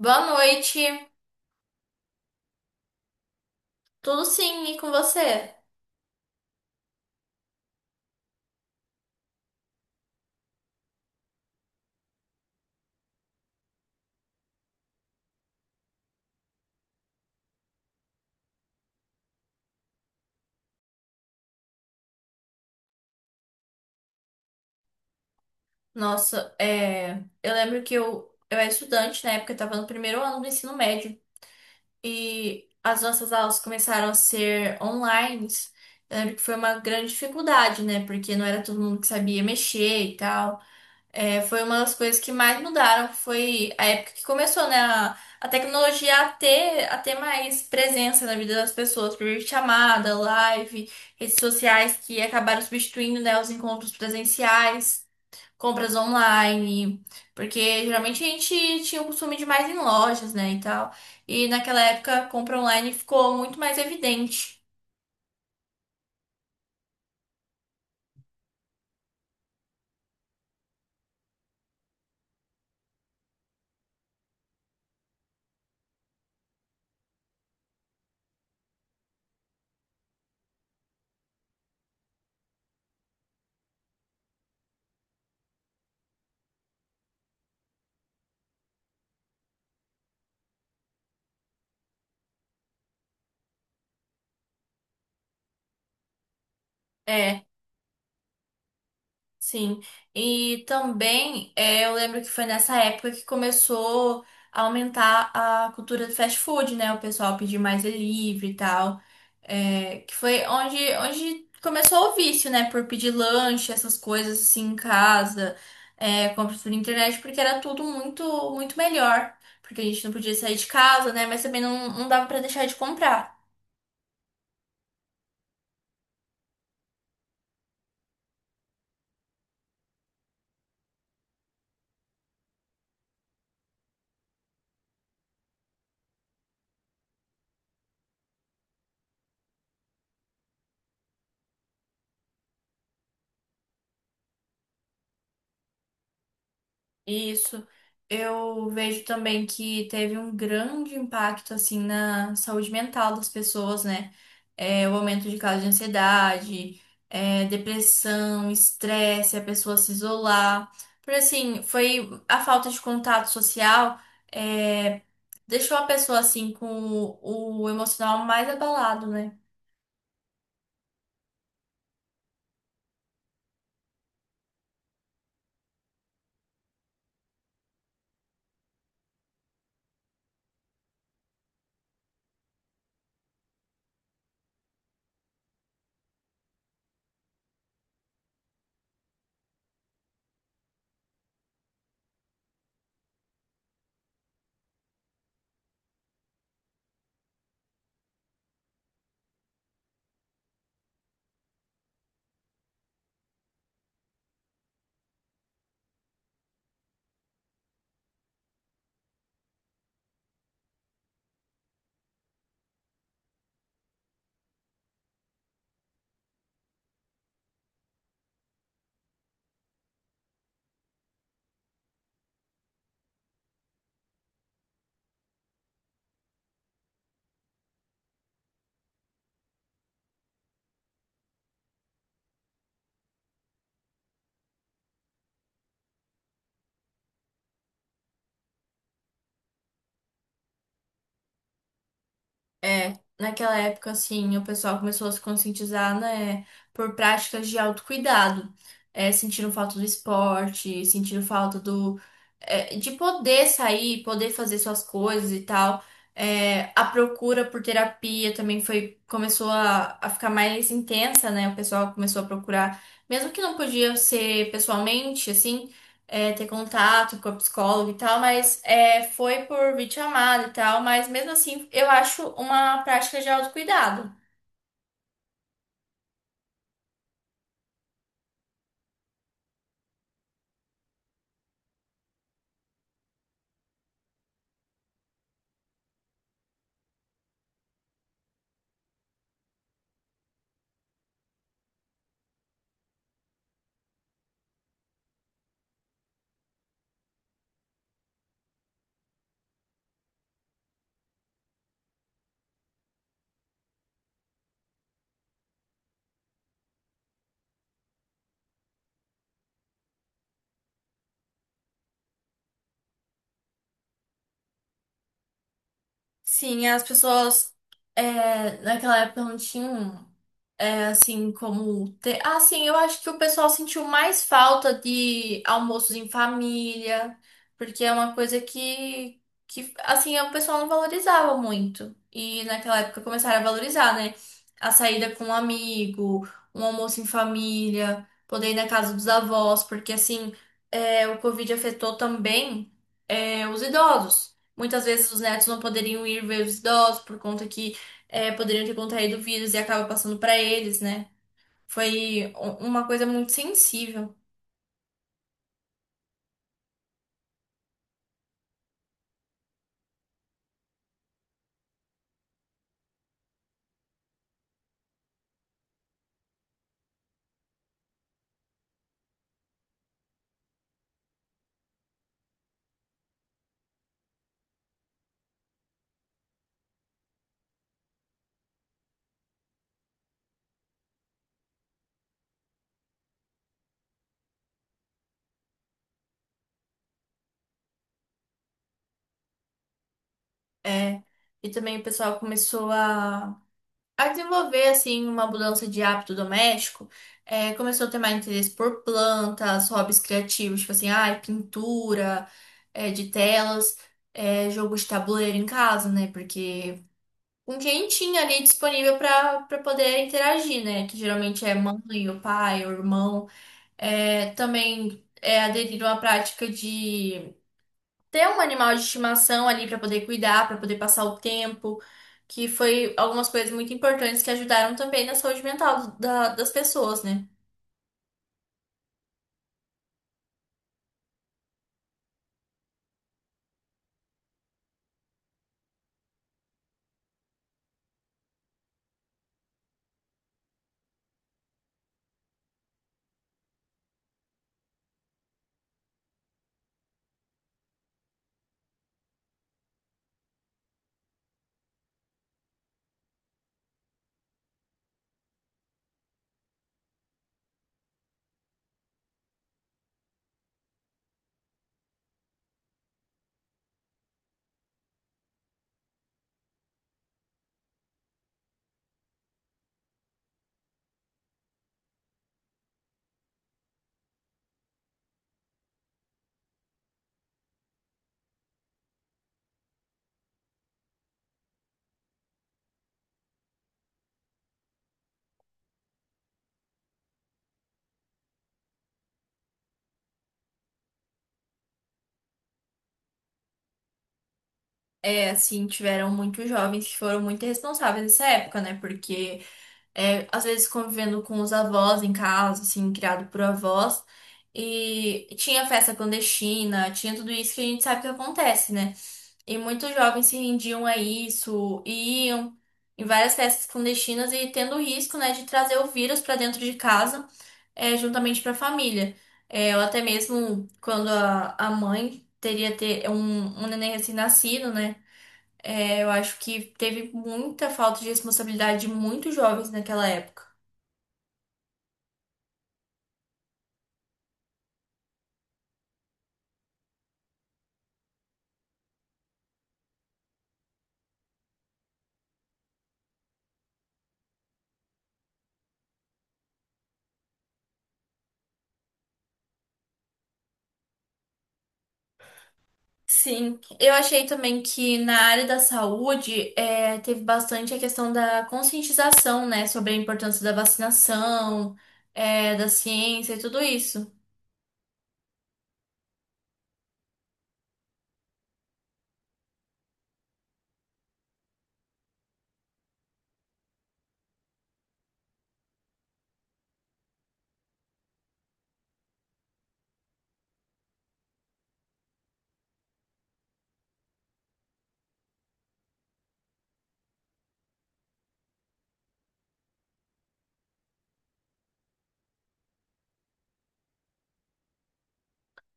Boa noite. Tudo sim, e com você? Nossa, eu lembro que eu era estudante na época, eu estava no primeiro ano do ensino médio e as nossas aulas começaram a ser online. Eu lembro que foi uma grande dificuldade, né? Porque não era todo mundo que sabia mexer e tal. É, foi uma das coisas que mais mudaram, foi a época que começou, né, a tecnologia a ter mais presença na vida das pessoas, por chamada, live, redes sociais que acabaram substituindo, né, os encontros presenciais, compras online, porque geralmente a gente tinha o costume de ir mais em lojas, né, e tal, e naquela época a compra online ficou muito mais evidente. É. Sim, e também eu lembro que foi nessa época que começou a aumentar a cultura do fast food, né? O pessoal pedir mais delivery e tal, eh, que foi onde, onde começou o vício, né? Por pedir lanche, essas coisas assim em casa, compras por internet, porque era tudo muito melhor, porque a gente não podia sair de casa, né? Mas também não dava pra deixar de comprar. Isso. Eu vejo também que teve um grande impacto assim na saúde mental das pessoas, né? É, o aumento de casos de ansiedade, é, depressão, estresse, a pessoa se isolar. Por assim, foi a falta de contato social, é, deixou a pessoa assim com o emocional mais abalado, né? É, naquela época, assim, o pessoal começou a se conscientizar, né, por práticas de autocuidado. É, sentiram falta do esporte, sentiram falta do, é, de poder sair, poder fazer suas coisas e tal. É, a procura por terapia também foi, começou a ficar mais intensa, né? O pessoal começou a procurar, mesmo que não podia ser pessoalmente, assim é, ter contato com a psicóloga e tal, mas é, foi por videochamada e tal, mas mesmo assim eu acho uma prática de autocuidado. Sim, as pessoas é, naquela época não tinham é, assim como ter. Ah, sim, eu acho que o pessoal sentiu mais falta de almoços em família, porque é uma coisa que assim, o pessoal não valorizava muito. E naquela época começaram a valorizar, né? A saída com um amigo, um almoço em família, poder ir na casa dos avós, porque assim, é, o Covid afetou também é, os idosos. Muitas vezes os netos não poderiam ir ver os idosos por conta que eh, poderiam ter contraído o vírus e acaba passando para eles, né? Foi uma coisa muito sensível. É. E também o pessoal começou a desenvolver, assim, uma mudança de hábito doméstico. Eh, começou a ter mais interesse por plantas, hobbies criativos, tipo assim, ai, pintura, eh, de telas, eh, jogo de tabuleiro em casa, né? Porque com quem tinha ali disponível para poder interagir, né? Que geralmente é mãe, o pai, o irmão. É, também é aderir a uma prática de ter um animal de estimação ali para poder cuidar, para poder passar o tempo, que foi algumas coisas muito importantes que ajudaram também na saúde mental das pessoas, né? É, assim, tiveram muitos jovens que foram muito irresponsáveis nessa época, né? Porque é, às vezes convivendo com os avós em casa, assim, criado por avós. E tinha festa clandestina, tinha tudo isso que a gente sabe que acontece, né? E muitos jovens se rendiam a isso, e iam em várias festas clandestinas e tendo o risco, né, de trazer o vírus para dentro de casa, é, juntamente para a família. É, ou até mesmo quando a mãe teria ter é, um neném recém-nascido, né? É, eu acho que teve muita falta de responsabilidade de muitos jovens naquela época. Sim, eu achei também que na área da saúde é, teve bastante a questão da conscientização, né, sobre a importância da vacinação, é, da ciência e tudo isso.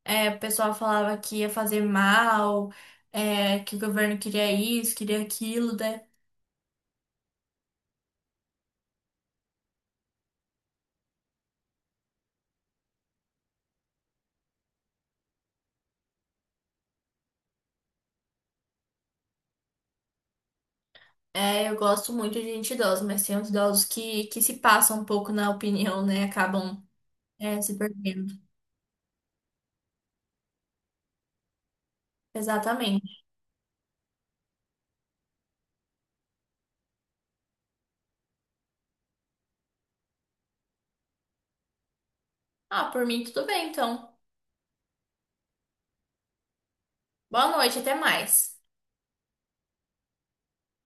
É, o pessoal falava que ia fazer mal, é, que o governo queria isso, queria aquilo, né? É, eu gosto muito de gente idosa, mas tem uns idosos que se passam um pouco na opinião, né, acabam, é, se perdendo. Exatamente. Ah, por mim tudo bem, então. Boa noite, até mais.